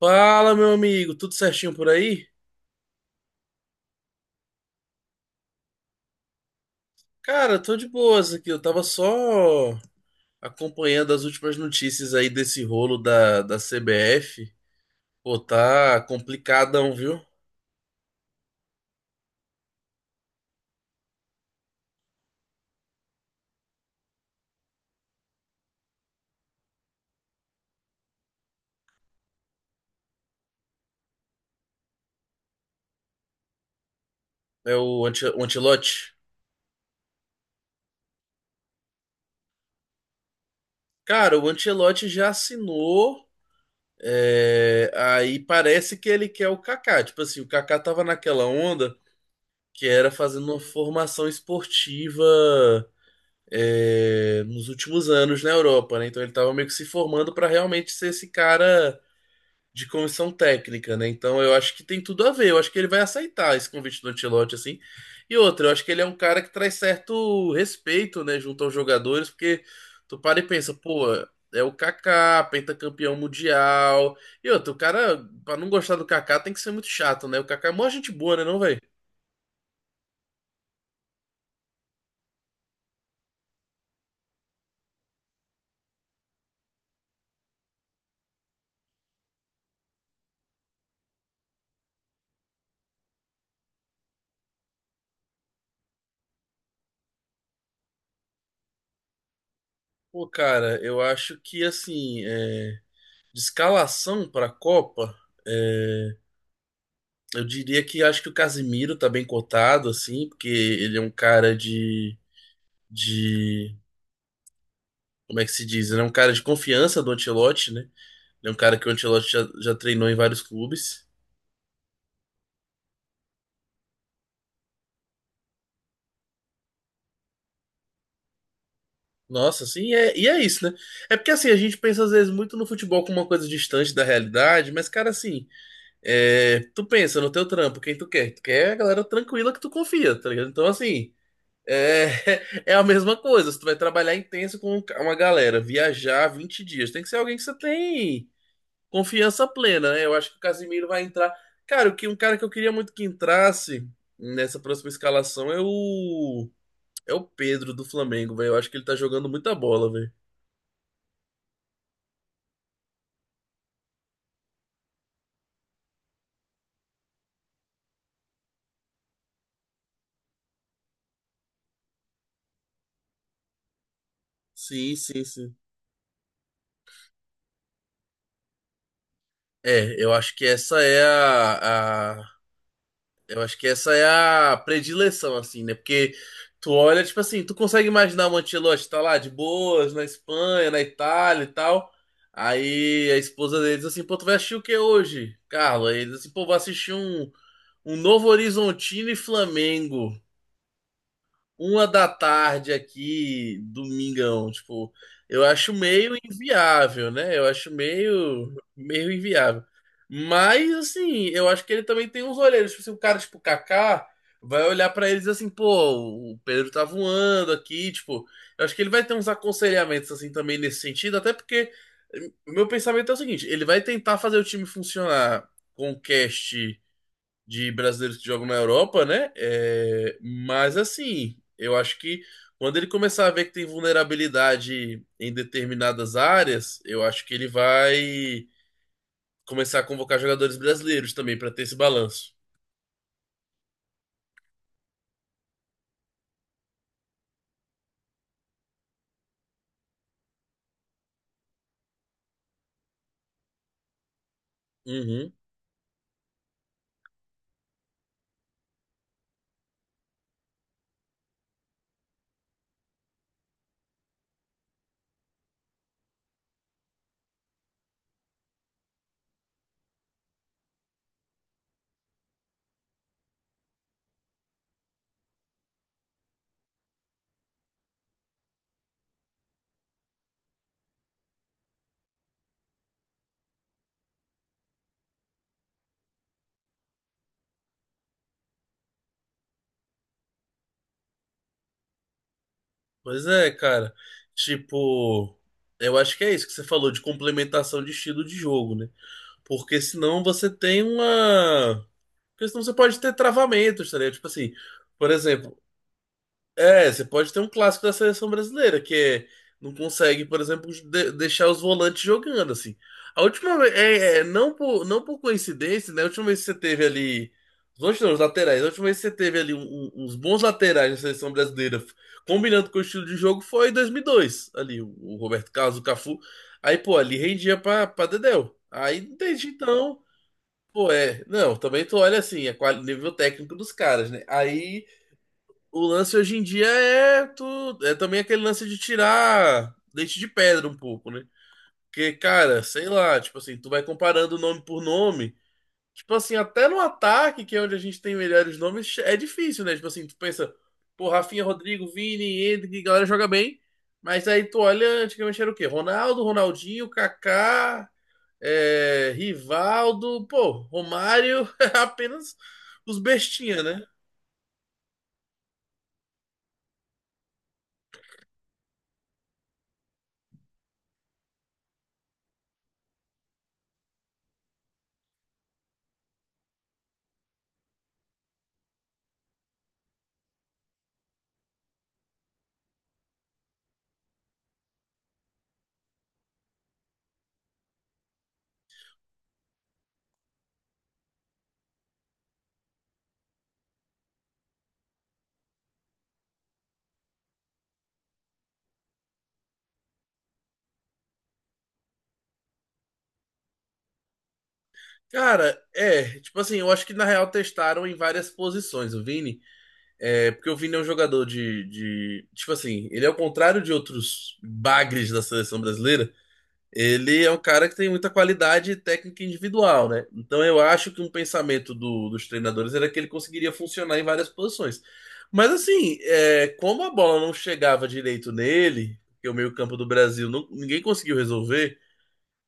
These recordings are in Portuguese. Fala, meu amigo, tudo certinho por aí? Cara, tô de boas aqui. Eu tava só acompanhando as últimas notícias aí desse rolo da CBF. Pô, tá complicadão, viu? É o, o Ancelotti. Cara, o Ancelotti já assinou. Aí parece que ele quer o Kaká. Tipo assim, o Kaká tava naquela onda que era fazendo uma formação esportiva nos últimos anos na Europa, né? Então ele estava meio que se formando para realmente ser esse cara de comissão técnica, né? Então eu acho que tem tudo a ver. Eu acho que ele vai aceitar esse convite do Ancelotti assim. E outra, eu acho que ele é um cara que traz certo respeito, né, junto aos jogadores, porque tu para e pensa, pô, é o Kaká, pentacampeão mundial. E outro o cara, pra não gostar do Kaká, tem que ser muito chato, né? O Kaká é mó gente boa, né, não, velho? Pô, cara, eu acho que assim, é, de escalação para a Copa, é, eu diria que acho que o Casimiro tá bem cotado, assim, porque ele é um cara de, de. Como é que se diz? Ele é um cara de confiança do Ancelotti, né? Ele é um cara que o Ancelotti já treinou em vários clubes. Nossa, assim, e é isso, né? É porque, assim, a gente pensa às vezes muito no futebol como uma coisa distante da realidade, mas, cara, assim, é, tu pensa no teu trampo, quem tu quer? Tu quer a galera tranquila que tu confia, tá ligado? Então, assim, é, é a mesma coisa. Você vai trabalhar intenso com uma galera, viajar 20 dias. Tem que ser alguém que você tem confiança plena, né? Eu acho que o Casimiro vai entrar. Cara, o que um cara que eu queria muito que entrasse nessa próxima escalação é o Pedro do Flamengo, velho. Eu acho que ele tá jogando muita bola, velho. Sim, sim, sim. É, eu acho que eu acho que essa é a predileção, assim, né? Porque tu olha, tipo assim, tu consegue imaginar o Mantelote tá lá de boas, na Espanha, na Itália e tal. Aí a esposa dele diz assim, pô, tu vai assistir o que hoje, Carlos? Aí ele diz assim, pô, vou assistir um Novo Horizontino e Flamengo uma da tarde aqui, domingão, tipo, eu acho meio inviável, né? Eu acho meio inviável. Mas, assim, eu acho que ele também tem uns olheiros. Tipo, se o cara, tipo, Kaká, vai olhar pra eles assim, pô, o Pedro tá voando aqui, tipo, eu acho que ele vai ter uns aconselhamentos, assim, também nesse sentido, até porque o meu pensamento é o seguinte, ele vai tentar fazer o time funcionar com o cast de brasileiros que jogam na Europa, né? É, mas assim, eu acho que quando ele começar a ver que tem vulnerabilidade em determinadas áreas, eu acho que ele vai começar a convocar jogadores brasileiros também para ter esse balanço. Uhum. Pois é, cara. Tipo, eu acho que é isso que você falou de complementação de estilo de jogo, né? Porque senão você tem uma. Porque senão você pode ter travamentos, tá ligado? Tipo assim, por exemplo, é, você pode ter um clássico da seleção brasileira, que é, não consegue, por exemplo, deixar os volantes jogando, assim. A última vez, não por, não por coincidência, né? A última vez que você teve ali. Os outros não, os laterais. A última vez que você teve ali uns bons laterais na seleção brasileira, combinando com o estilo de jogo, foi em 2002, ali, o Roberto Carlos, o Cafu. Aí, pô, ali rendia pra Dedéu. Aí, desde então, pô, é. Não, também tu olha assim, é qual, nível técnico dos caras, né? Aí. O lance hoje em dia é, tu, é também aquele lance de tirar leite de pedra um pouco, né? Porque, cara, sei lá, tipo assim, tu vai comparando nome por nome. Tipo assim, até no ataque, que é onde a gente tem melhores nomes, é difícil, né? Tipo assim, tu pensa, pô, Rafinha, Rodrigo, Vini, Endrick, a galera joga bem. Mas aí tu olha, antigamente era o quê? Ronaldo, Ronaldinho, Kaká, Rivaldo, pô, Romário, apenas os bestinha, né? Cara, é, tipo assim, eu acho que na real testaram em várias posições o Vini, é, porque o Vini é um jogador de, tipo assim, ele é ao contrário de outros bagres da seleção brasileira, ele é um cara que tem muita qualidade técnica individual, né? Então eu acho que um pensamento dos treinadores era que ele conseguiria funcionar em várias posições. Mas assim, é, como a bola não chegava direito nele, porque o meio-campo do Brasil ninguém conseguiu resolver,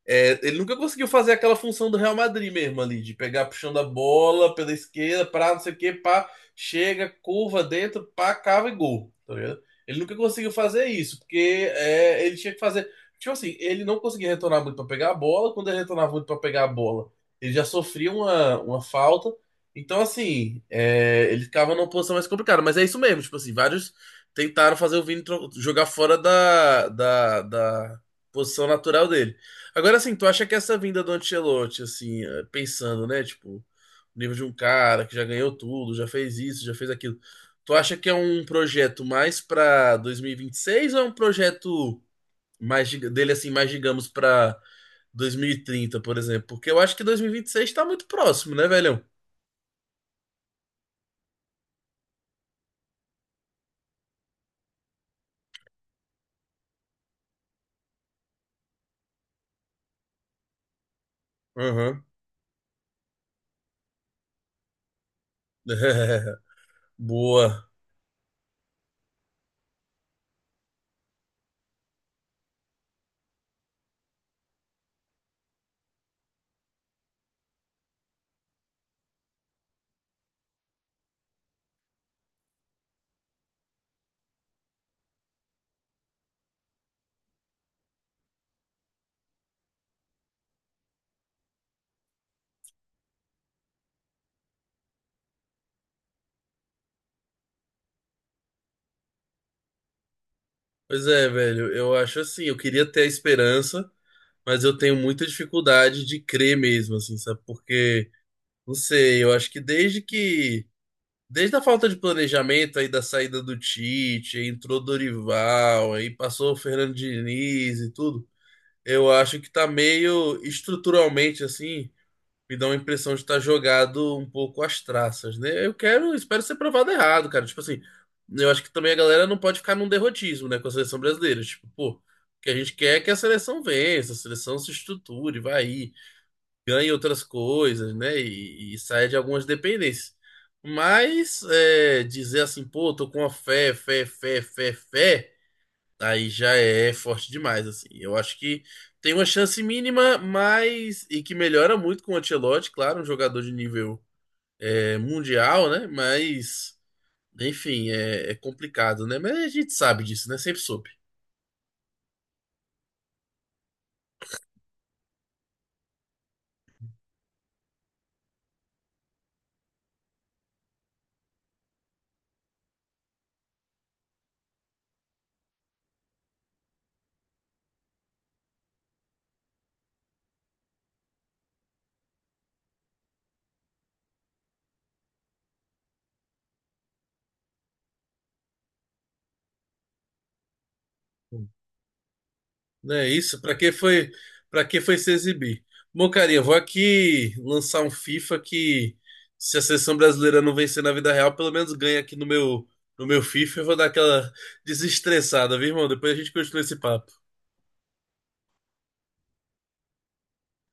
é, ele nunca conseguiu fazer aquela função do Real Madrid mesmo ali, de pegar puxando a bola pela esquerda, pra não sei o que, pá, chega, curva dentro, pá, cava e gol, tá ligado? Ele nunca conseguiu fazer isso, porque é, ele tinha que fazer. Tipo assim, ele não conseguia retornar muito pra pegar a bola, quando ele retornava muito pra pegar a bola, ele já sofria uma falta. Então, assim, é, ele ficava numa posição mais complicada, mas é isso mesmo, tipo assim, vários tentaram fazer o Vini jogar fora da posição natural dele. Agora, assim, tu acha que essa vinda do Ancelotti, assim, eh, pensando, né, tipo, o nível de um cara que já ganhou tudo, já fez isso, já fez aquilo, tu acha que é um projeto mais pra 2026 ou é um projeto mais dele, assim, mais, digamos, pra 2030, por exemplo? Porque eu acho que 2026 tá muito próximo, né, velhão? Aham. Boa. Pois é, velho, eu acho assim, eu queria ter a esperança, mas eu tenho muita dificuldade de crer mesmo, assim, sabe? Porque. Não sei, eu acho que. Desde a falta de planejamento aí da saída do Tite, aí entrou Dorival, aí passou o Fernando Diniz e tudo, eu acho que tá meio estruturalmente assim, me dá uma impressão de estar jogado um pouco às traças, né? Eu quero, espero ser provado errado, cara. Tipo assim, eu acho que também a galera não pode ficar num derrotismo, né, com a seleção brasileira. Tipo, pô, o que a gente quer é que a seleção vença, a seleção se estruture, vai aí ganha outras coisas, né? E sai de algumas dependências. Mas é, dizer assim, pô, tô com uma fé, aí já é forte demais, assim. Eu acho que tem uma chance mínima, mas e que melhora muito com o Ancelotti, claro, um jogador de nível é, mundial, né? Mas enfim, é, é complicado, né? Mas a gente sabe disso, né? Sempre soube. Não é isso? Pra que foi, para que foi se exibir? Bom, cara, eu vou aqui lançar um FIFA que se a seleção brasileira não vencer na vida real, pelo menos ganha aqui no meu FIFA, eu vou dar aquela desestressada, viu, irmão? Depois a gente continua esse papo.